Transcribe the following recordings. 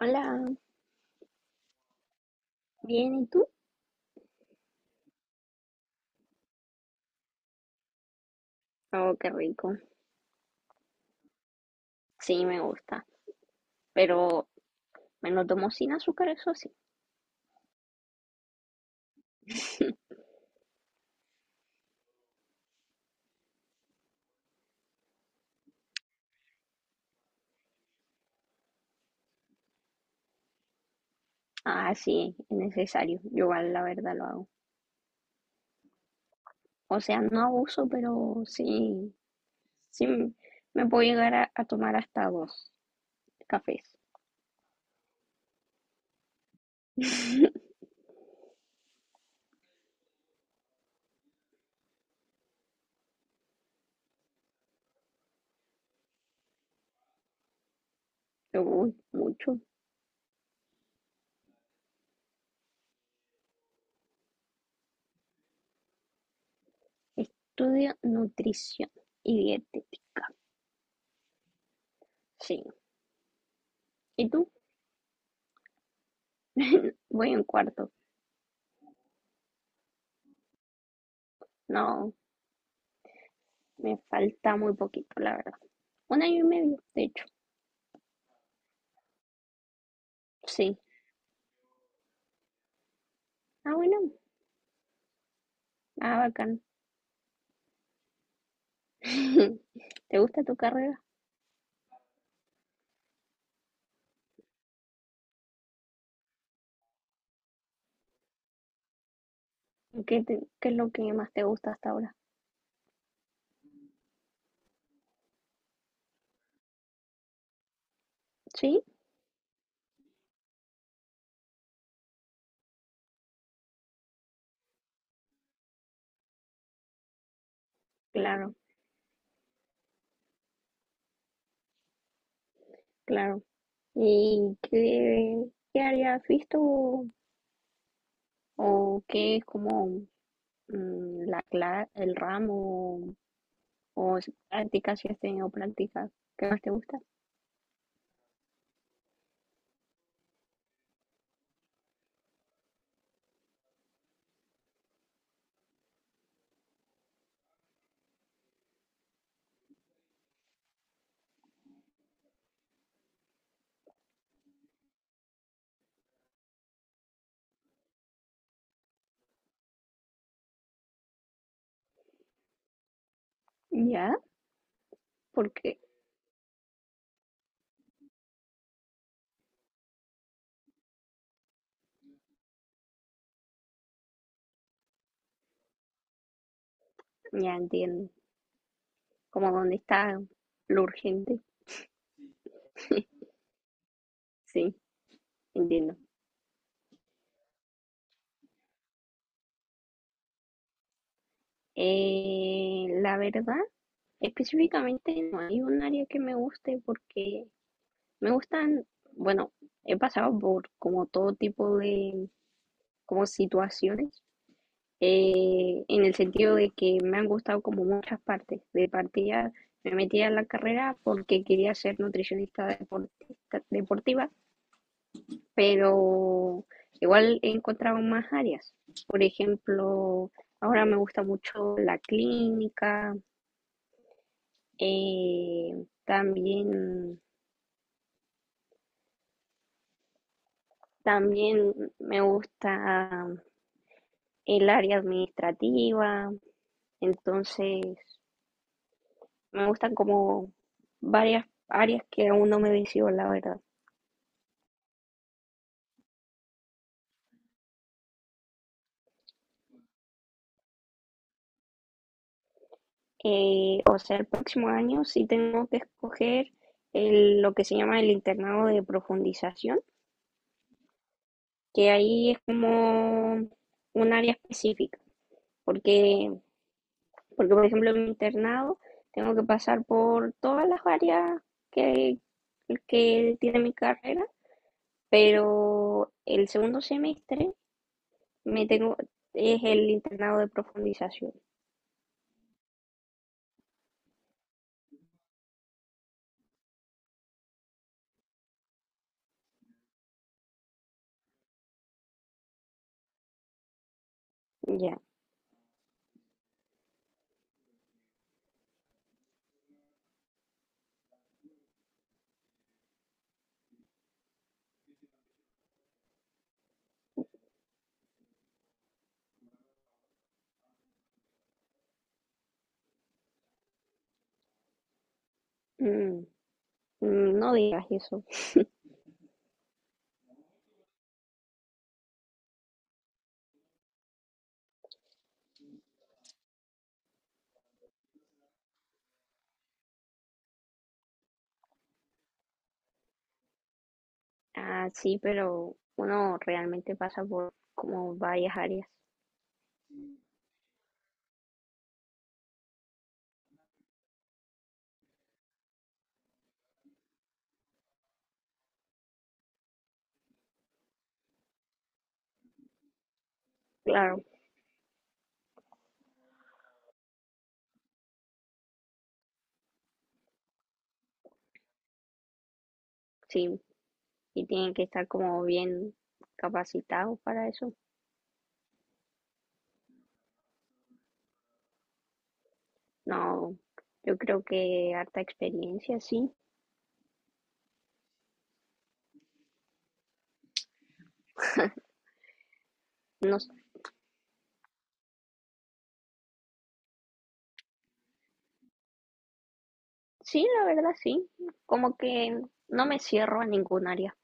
Hola, bien, ¿y tú? Oh, qué rico. Sí, me gusta, pero me lo tomo sin azúcar, eso sí. Ah, sí, es necesario. Yo igual la verdad lo hago. O sea, no abuso, pero sí, sí, me puedo llegar a tomar hasta dos cafés. Uy, mucho. Estudio nutrición y dietética. Sí. ¿Y tú? Voy en cuarto. No, me falta muy poquito, la verdad. Un año y medio, de hecho. Sí. Ah, bueno. Ah, bacán. ¿Te gusta tu carrera? ¿Qué, qué es lo que más te gusta hasta ahora? Sí, claro, claro. ¿Y qué área has visto o, qué es como el ramo o si prácticas si has tenido prácticas? ¿Qué más te gusta? Ya, porque ya entiendo. Como dónde está lo urgente. Sí, entiendo. La verdad. Específicamente no hay un área que me guste porque me gustan, bueno, he pasado por como todo tipo de como situaciones en el sentido de que me han gustado como muchas partes. De partida me metí a la carrera porque quería ser nutricionista deportiva, pero igual he encontrado más áreas. Por ejemplo, ahora me gusta mucho la clínica, eh, también También me gusta el área administrativa, entonces me gustan como varias áreas que aún no me decido, la verdad. O sea, el próximo año sí tengo que escoger lo que se llama el internado de profundización, que ahí es como un área específica, porque, porque por ejemplo en mi internado tengo que pasar por todas las áreas que, que tiene mi carrera. Pero el segundo semestre me tengo, es el internado de profundización. Ya. Mm, mm, no digas eso. Ah, sí, pero uno realmente pasa por como varias áreas. Claro, sí. Y tienen que estar como bien capacitados para eso. No, yo creo que harta experiencia, sí. No, sí, la verdad, sí. Como que no me cierro a ningún área.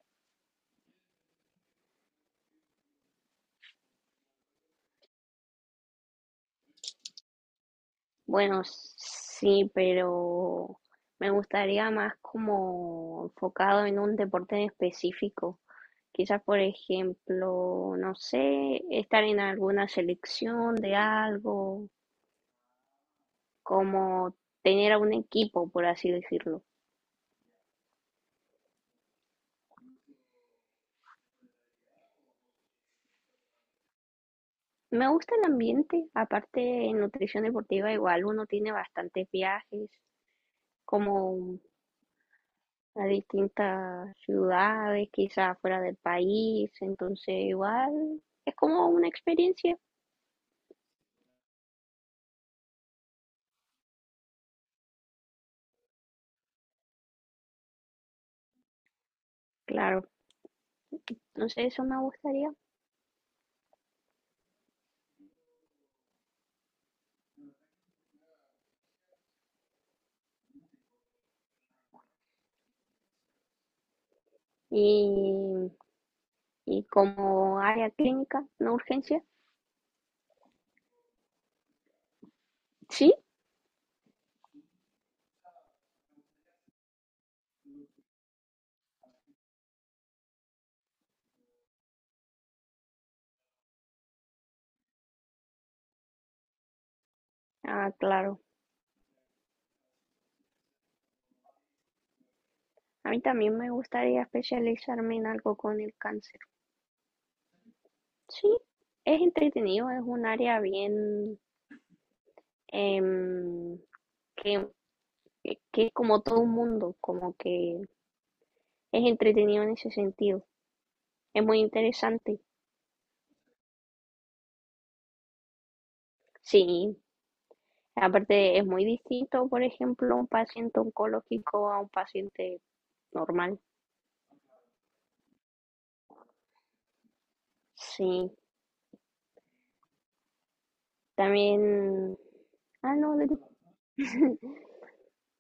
Bueno, sí, pero me gustaría más como enfocado en un deporte en específico. Quizás, por ejemplo, no sé, estar en alguna selección de algo, como tener a un equipo, por así decirlo. Me gusta el ambiente, aparte en nutrición deportiva igual uno tiene bastantes viajes, como a distintas ciudades, quizás fuera del país, entonces igual es como una experiencia, claro, no sé, eso me gustaría. Y, y como área clínica, no urgencia, sí, ah, claro, a mí también me gustaría especializarme en algo con el cáncer, sí, es entretenido, es un área bien em, que, que es como todo un mundo, como que es entretenido en ese sentido, es muy interesante. Sí, aparte es muy distinto, por ejemplo, un paciente oncológico a un paciente normal. Sí, también. Ah, no,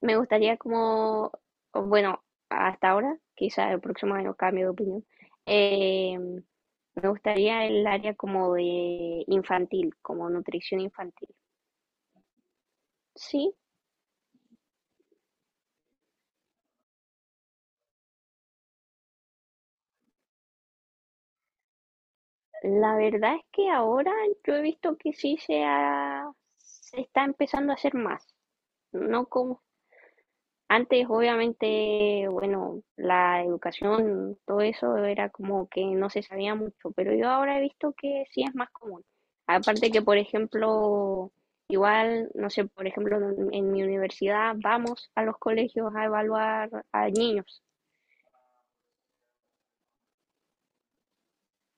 me gustaría como, bueno, hasta ahora, quizá el próximo año cambio de opinión, eh, me gustaría el área como de infantil, como nutrición infantil. Sí, la verdad es que ahora yo he visto que sí se está empezando a hacer más. No como antes, obviamente, bueno, la educación, todo eso era como que no se sabía mucho, pero yo ahora he visto que sí es más común. Aparte que, por ejemplo, igual, no sé, por ejemplo, en mi universidad vamos a los colegios a evaluar a niños.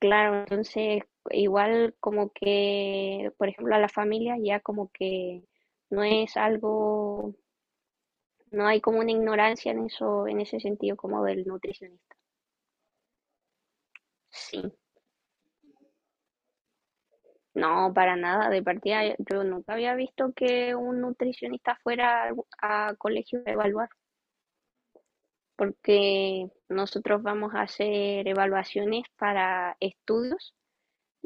Claro, entonces, igual como que, por ejemplo, a la familia ya como que no es algo, no hay como una ignorancia en eso, en ese sentido como del nutricionista. Sí. No, para nada. De partida, yo nunca había visto que un nutricionista fuera a colegio a evaluar, porque nosotros vamos a hacer evaluaciones para estudios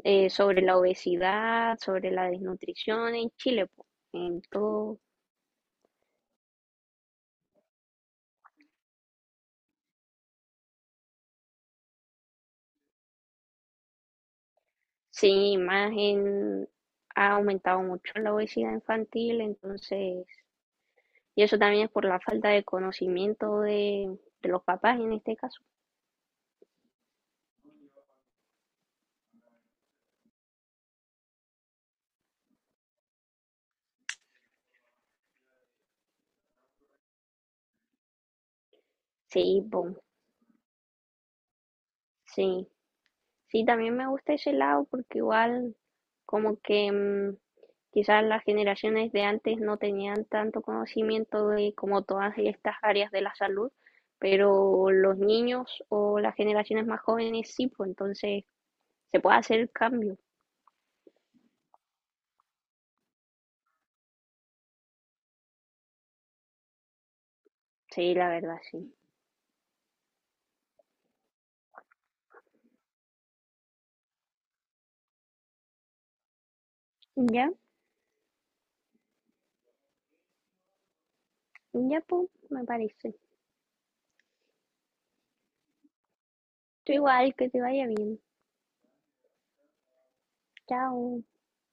sobre la obesidad, sobre la desnutrición en Chile po. Entonces, sí, más ha aumentado mucho la obesidad infantil, entonces, y eso también es por la falta de conocimiento de los papás en este caso. Sí, po, sí. Sí, también me gusta ese lado porque igual como que quizás las generaciones de antes no tenían tanto conocimiento de como todas estas áreas de la salud, pero los niños o las generaciones más jóvenes sí, pues entonces se puede hacer el cambio. Sí, la verdad, sí. Ya, ya, pues, me parece. Tú igual, que te vaya bien. Chao.